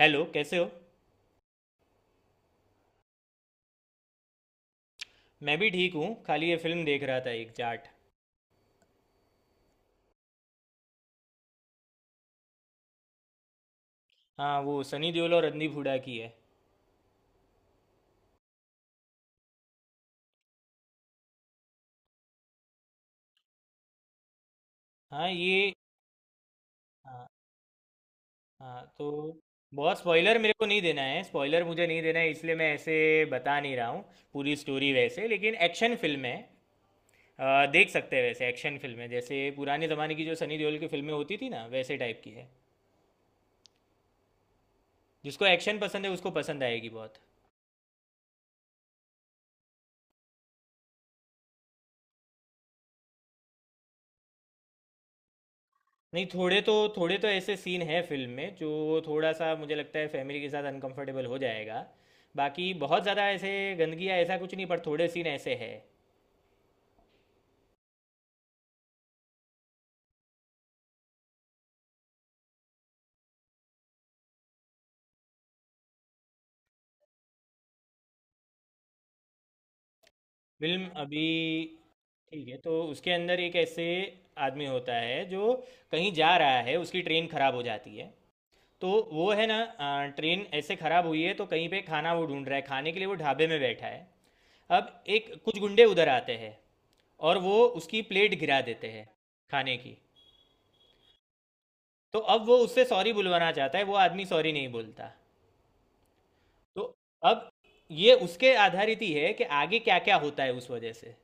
Hello, कैसे हो। मैं भी ठीक हूँ, खाली ये फिल्म देख रहा था, एक जाट। हाँ, वो सनी देओल और रणदीप हुड्डा की है। हाँ ये। हाँ, हाँ तो बहुत स्पॉइलर मेरे को नहीं देना है, स्पॉइलर मुझे नहीं देना है, इसलिए मैं ऐसे बता नहीं रहा हूँ पूरी स्टोरी वैसे, लेकिन एक्शन फिल्म है। देख सकते हैं वैसे, एक्शन फिल्म है, जैसे पुराने ज़माने की जो सनी देओल की फिल्में होती थी ना, वैसे टाइप की है। जिसको एक्शन पसंद है उसको पसंद आएगी बहुत। नहीं, थोड़े तो ऐसे सीन हैं फिल्म में जो थोड़ा सा मुझे लगता है फैमिली के साथ अनकंफर्टेबल हो जाएगा। बाकी बहुत ज़्यादा ऐसे गंदगी या ऐसा कुछ नहीं, पर थोड़े सीन ऐसे हैं। फिल्म अभी ठीक है। तो उसके अंदर एक ऐसे आदमी होता है जो कहीं जा रहा है, उसकी ट्रेन खराब हो जाती है। तो वो है ना, ट्रेन ऐसे खराब हुई है तो कहीं पे खाना वो ढूंढ रहा है, खाने के लिए वो ढाबे में बैठा है। अब एक कुछ गुंडे उधर आते हैं और वो उसकी प्लेट गिरा देते हैं, खाने की। तो अब वो उससे सॉरी बुलवाना चाहता है, वो आदमी सॉरी नहीं बोलता। तो अब ये उसके आधारित ही है कि आगे क्या क्या होता है उस वजह से।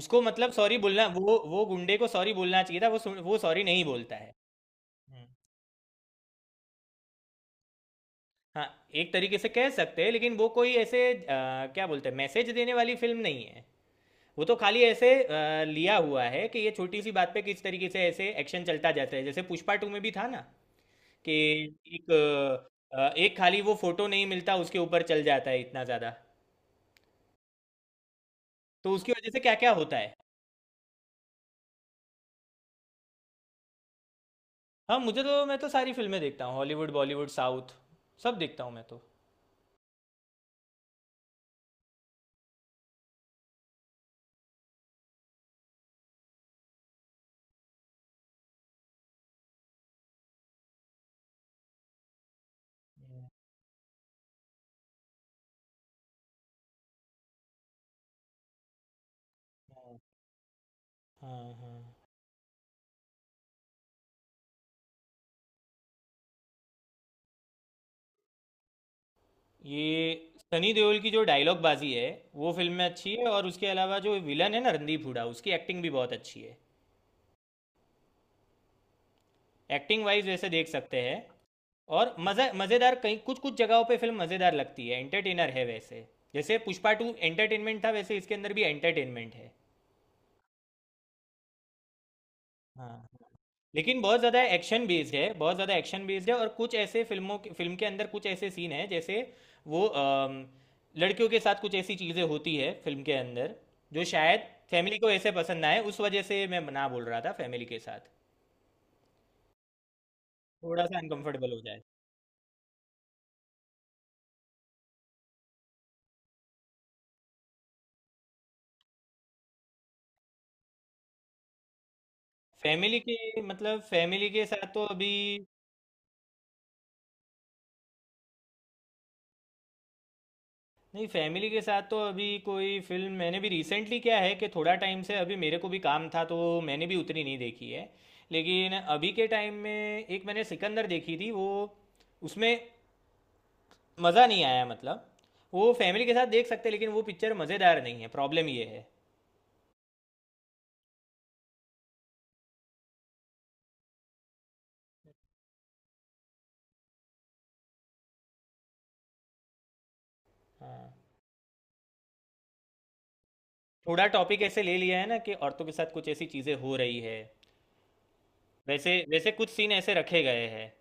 उसको मतलब सॉरी बोलना, वो गुंडे को सॉरी बोलना चाहिए था, वो सॉरी नहीं बोलता है। हम्म, हाँ, एक तरीके से कह सकते हैं, लेकिन वो कोई ऐसे क्या बोलते हैं, मैसेज देने वाली फिल्म नहीं है। वो तो खाली ऐसे लिया हुआ है कि ये छोटी सी बात पे किस तरीके से ऐसे एक्शन चलता जाता है, जैसे पुष्पा 2 में भी था ना कि एक एक खाली वो फोटो नहीं मिलता, उसके ऊपर चल जाता है इतना ज़्यादा। तो उसकी वजह से क्या क्या होता है। हाँ, मुझे तो मैं तो सारी फिल्में देखता हूँ, हॉलीवुड, बॉलीवुड, साउथ, सब देखता हूँ मैं तो। हम्म, हाँ, हाँ, हाँ। ये सनी देओल की जो डायलॉग बाजी है, वो फिल्म में अच्छी है। और उसके अलावा जो विलन है ना, रणदीप हुडा, उसकी एक्टिंग भी बहुत अच्छी है। एक्टिंग वाइज वैसे देख सकते हैं। और मज़ा मज़ेदार कई कुछ कुछ जगहों पे फिल्म मज़ेदार लगती है, एंटरटेनर है वैसे। जैसे पुष्पा टू एंटरटेनमेंट था, वैसे इसके अंदर भी एंटरटेनमेंट है। हाँ, लेकिन बहुत ज़्यादा एक्शन बेस्ड है, बहुत ज़्यादा एक्शन बेस्ड है। और कुछ ऐसे फिल्म के अंदर कुछ ऐसे सीन हैं, जैसे वो लड़कियों के साथ कुछ ऐसी चीज़ें होती है फिल्म के अंदर, जो शायद फैमिली को ऐसे पसंद ना आए, उस वजह से मैं ना बोल रहा था फैमिली के साथ थोड़ा सा अनकंफर्टेबल हो जाए। फैमिली के मतलब फैमिली के साथ तो अभी नहीं, फैमिली के साथ तो अभी कोई फिल्म मैंने भी रिसेंटली, क्या है कि थोड़ा टाइम से अभी मेरे को भी काम था, तो मैंने भी उतनी नहीं देखी है। लेकिन अभी के टाइम में एक मैंने सिकंदर देखी थी, वो, उसमें मज़ा नहीं आया, मतलब वो फैमिली के साथ देख सकते हैं, लेकिन वो पिक्चर मज़ेदार नहीं है, प्रॉब्लम ये है। हाँ, थोड़ा टॉपिक ऐसे ले लिया है ना कि औरतों के साथ कुछ ऐसी चीज़ें हो रही है, वैसे वैसे कुछ सीन ऐसे रखे गए हैं।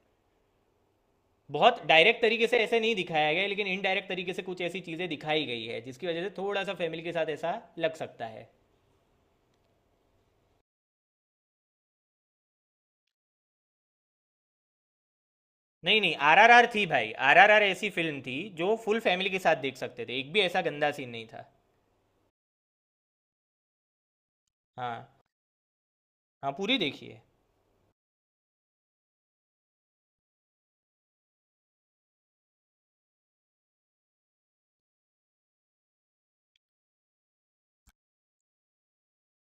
बहुत डायरेक्ट तरीके से ऐसे नहीं दिखाया गया है, लेकिन इनडायरेक्ट तरीके से कुछ ऐसी चीजें दिखाई गई है, जिसकी वजह से थोड़ा सा फैमिली के साथ ऐसा लग सकता है। नहीं नहीं, आरआरआर थी भाई, आरआरआर ऐसी फिल्म थी जो फुल फैमिली के साथ देख सकते थे, एक भी ऐसा गंदा सीन नहीं था। हाँ। हाँ, पूरी देखिए।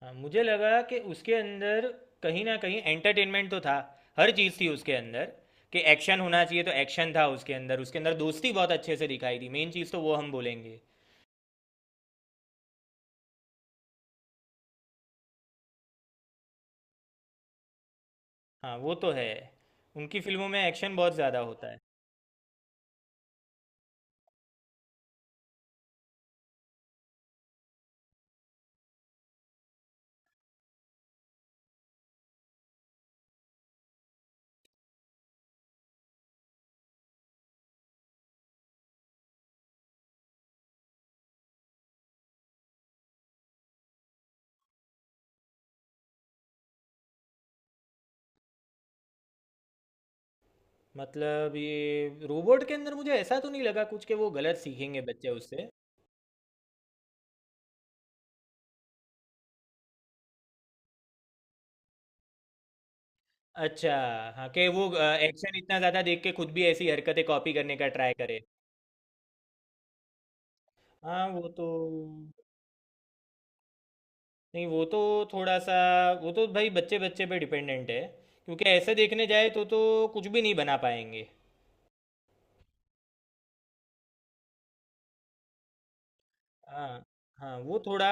हाँ, मुझे लगा कि उसके अंदर कहीं ना कहीं एंटरटेनमेंट तो था, हर चीज़ थी उसके अंदर। कि एक्शन होना चाहिए तो एक्शन था उसके अंदर दोस्ती बहुत अच्छे से दिखाई दी, मेन चीज़ तो वो हम बोलेंगे। हाँ, वो तो है, उनकी फिल्मों में एक्शन बहुत ज़्यादा होता है। मतलब ये रोबोट के अंदर मुझे ऐसा तो नहीं लगा कुछ कि वो गलत सीखेंगे बच्चे उससे। अच्छा, हाँ, कि वो एक्शन इतना ज़्यादा देख के खुद भी ऐसी हरकतें कॉपी करने का ट्राई करे। हाँ, वो तो, नहीं, वो तो थोड़ा सा, वो तो भाई बच्चे बच्चे पे डिपेंडेंट है, क्योंकि ऐसे देखने जाए तो कुछ भी नहीं बना पाएंगे। हाँ, हाँ, वो थोड़ा,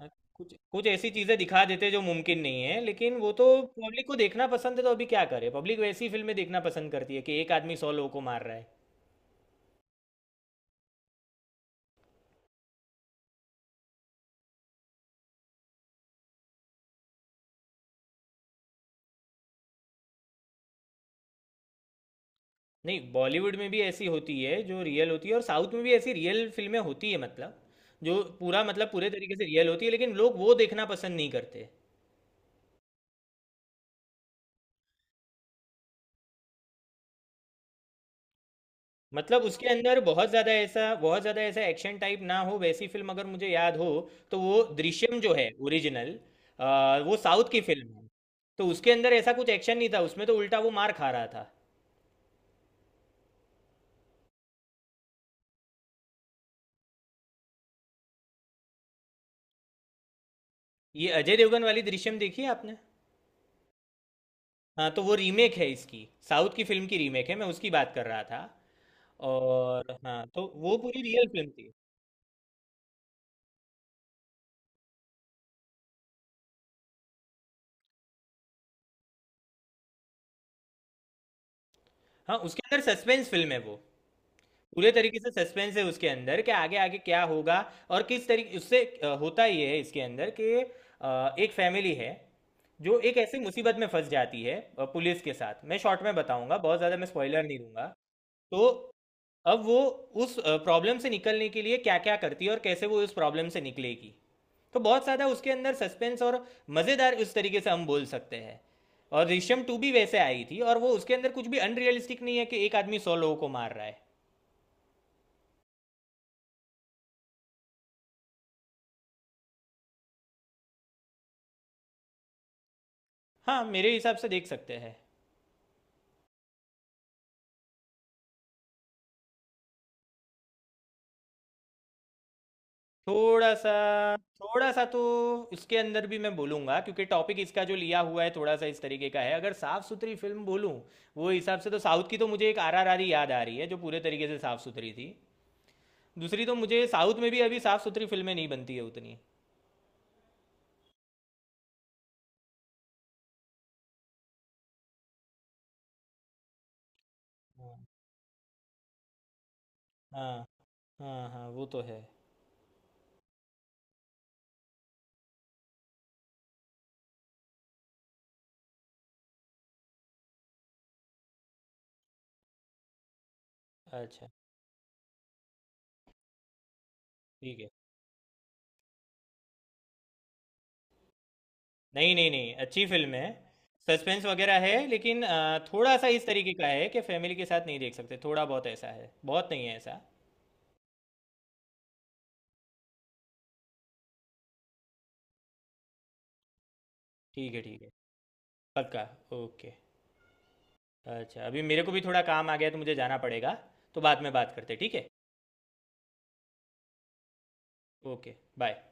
हाँ, कुछ कुछ ऐसी चीज़ें दिखा देते जो मुमकिन नहीं है, लेकिन वो तो पब्लिक को देखना पसंद है, तो अभी क्या करे, पब्लिक वैसी फिल्में देखना पसंद करती है कि एक आदमी 100 लोगों को मार रहा है। नहीं, बॉलीवुड में भी ऐसी होती है जो रियल होती है, और साउथ में भी ऐसी रियल फिल्में होती है, मतलब जो पूरा, मतलब पूरे तरीके से रियल होती है, लेकिन लोग वो देखना पसंद नहीं करते। मतलब उसके अंदर बहुत ज़्यादा ऐसा, बहुत ज़्यादा ऐसा एक्शन टाइप ना हो, वैसी फिल्म अगर मुझे याद हो तो वो दृश्यम, जो है ओरिजिनल, वो साउथ की फिल्म है। तो उसके अंदर ऐसा कुछ एक्शन नहीं था उसमें, तो उल्टा वो मार खा रहा था। ये अजय देवगन वाली दृश्यम देखी है आपने। हाँ, तो वो रीमेक है इसकी, साउथ की फिल्म की रीमेक है, मैं उसकी बात कर रहा था। और हाँ, तो वो पूरी रियल फिल्म थी। हाँ, उसके अंदर सस्पेंस फिल्म है वो, पूरे तरीके से सस्पेंस है उसके अंदर कि आगे आगे क्या होगा। और किस तरीके उससे होता ये है इसके अंदर कि एक फैमिली है जो एक ऐसी मुसीबत में फंस जाती है, पुलिस के साथ, मैं शॉर्ट में बताऊंगा, बहुत ज़्यादा मैं स्पॉइलर नहीं दूंगा। तो अब वो उस प्रॉब्लम से निकलने के लिए क्या क्या करती है, और कैसे वो उस प्रॉब्लम से निकलेगी। तो बहुत ज़्यादा उसके अंदर सस्पेंस और मज़ेदार, उस तरीके से हम बोल सकते हैं। और ऋषम 2 भी वैसे आई थी, और वो, उसके अंदर कुछ भी अनरियलिस्टिक नहीं है कि एक आदमी सौ लोगों को मार रहा है। हाँ, मेरे हिसाब से देख सकते हैं। थोड़ा सा, तो उसके अंदर भी मैं बोलूंगा, क्योंकि टॉपिक इसका जो लिया हुआ है थोड़ा सा इस तरीके का है। अगर साफ सुथरी फिल्म बोलूं, वो हिसाब से तो साउथ की तो मुझे एक आरआरआर ही याद आ रही है, जो पूरे तरीके से साफ सुथरी थी। दूसरी तो मुझे साउथ में भी अभी साफ सुथरी फिल्में नहीं बनती है उतनी। हाँ। हाँ, हाँ, हाँ, वो तो है। अच्छा, ठीक है। नहीं नहीं नहीं, अच्छी फिल्म है, सस्पेंस वगैरह है, लेकिन थोड़ा सा इस तरीके का है कि फैमिली के साथ नहीं देख सकते, थोड़ा बहुत ऐसा है, बहुत नहीं है ऐसा। ठीक है, ठीक है, पक्का। ओके। अच्छा, अभी मेरे को भी थोड़ा काम आ गया है, तो मुझे जाना पड़ेगा, तो बाद में बात करते हैं, ठीक है। Okay, bye.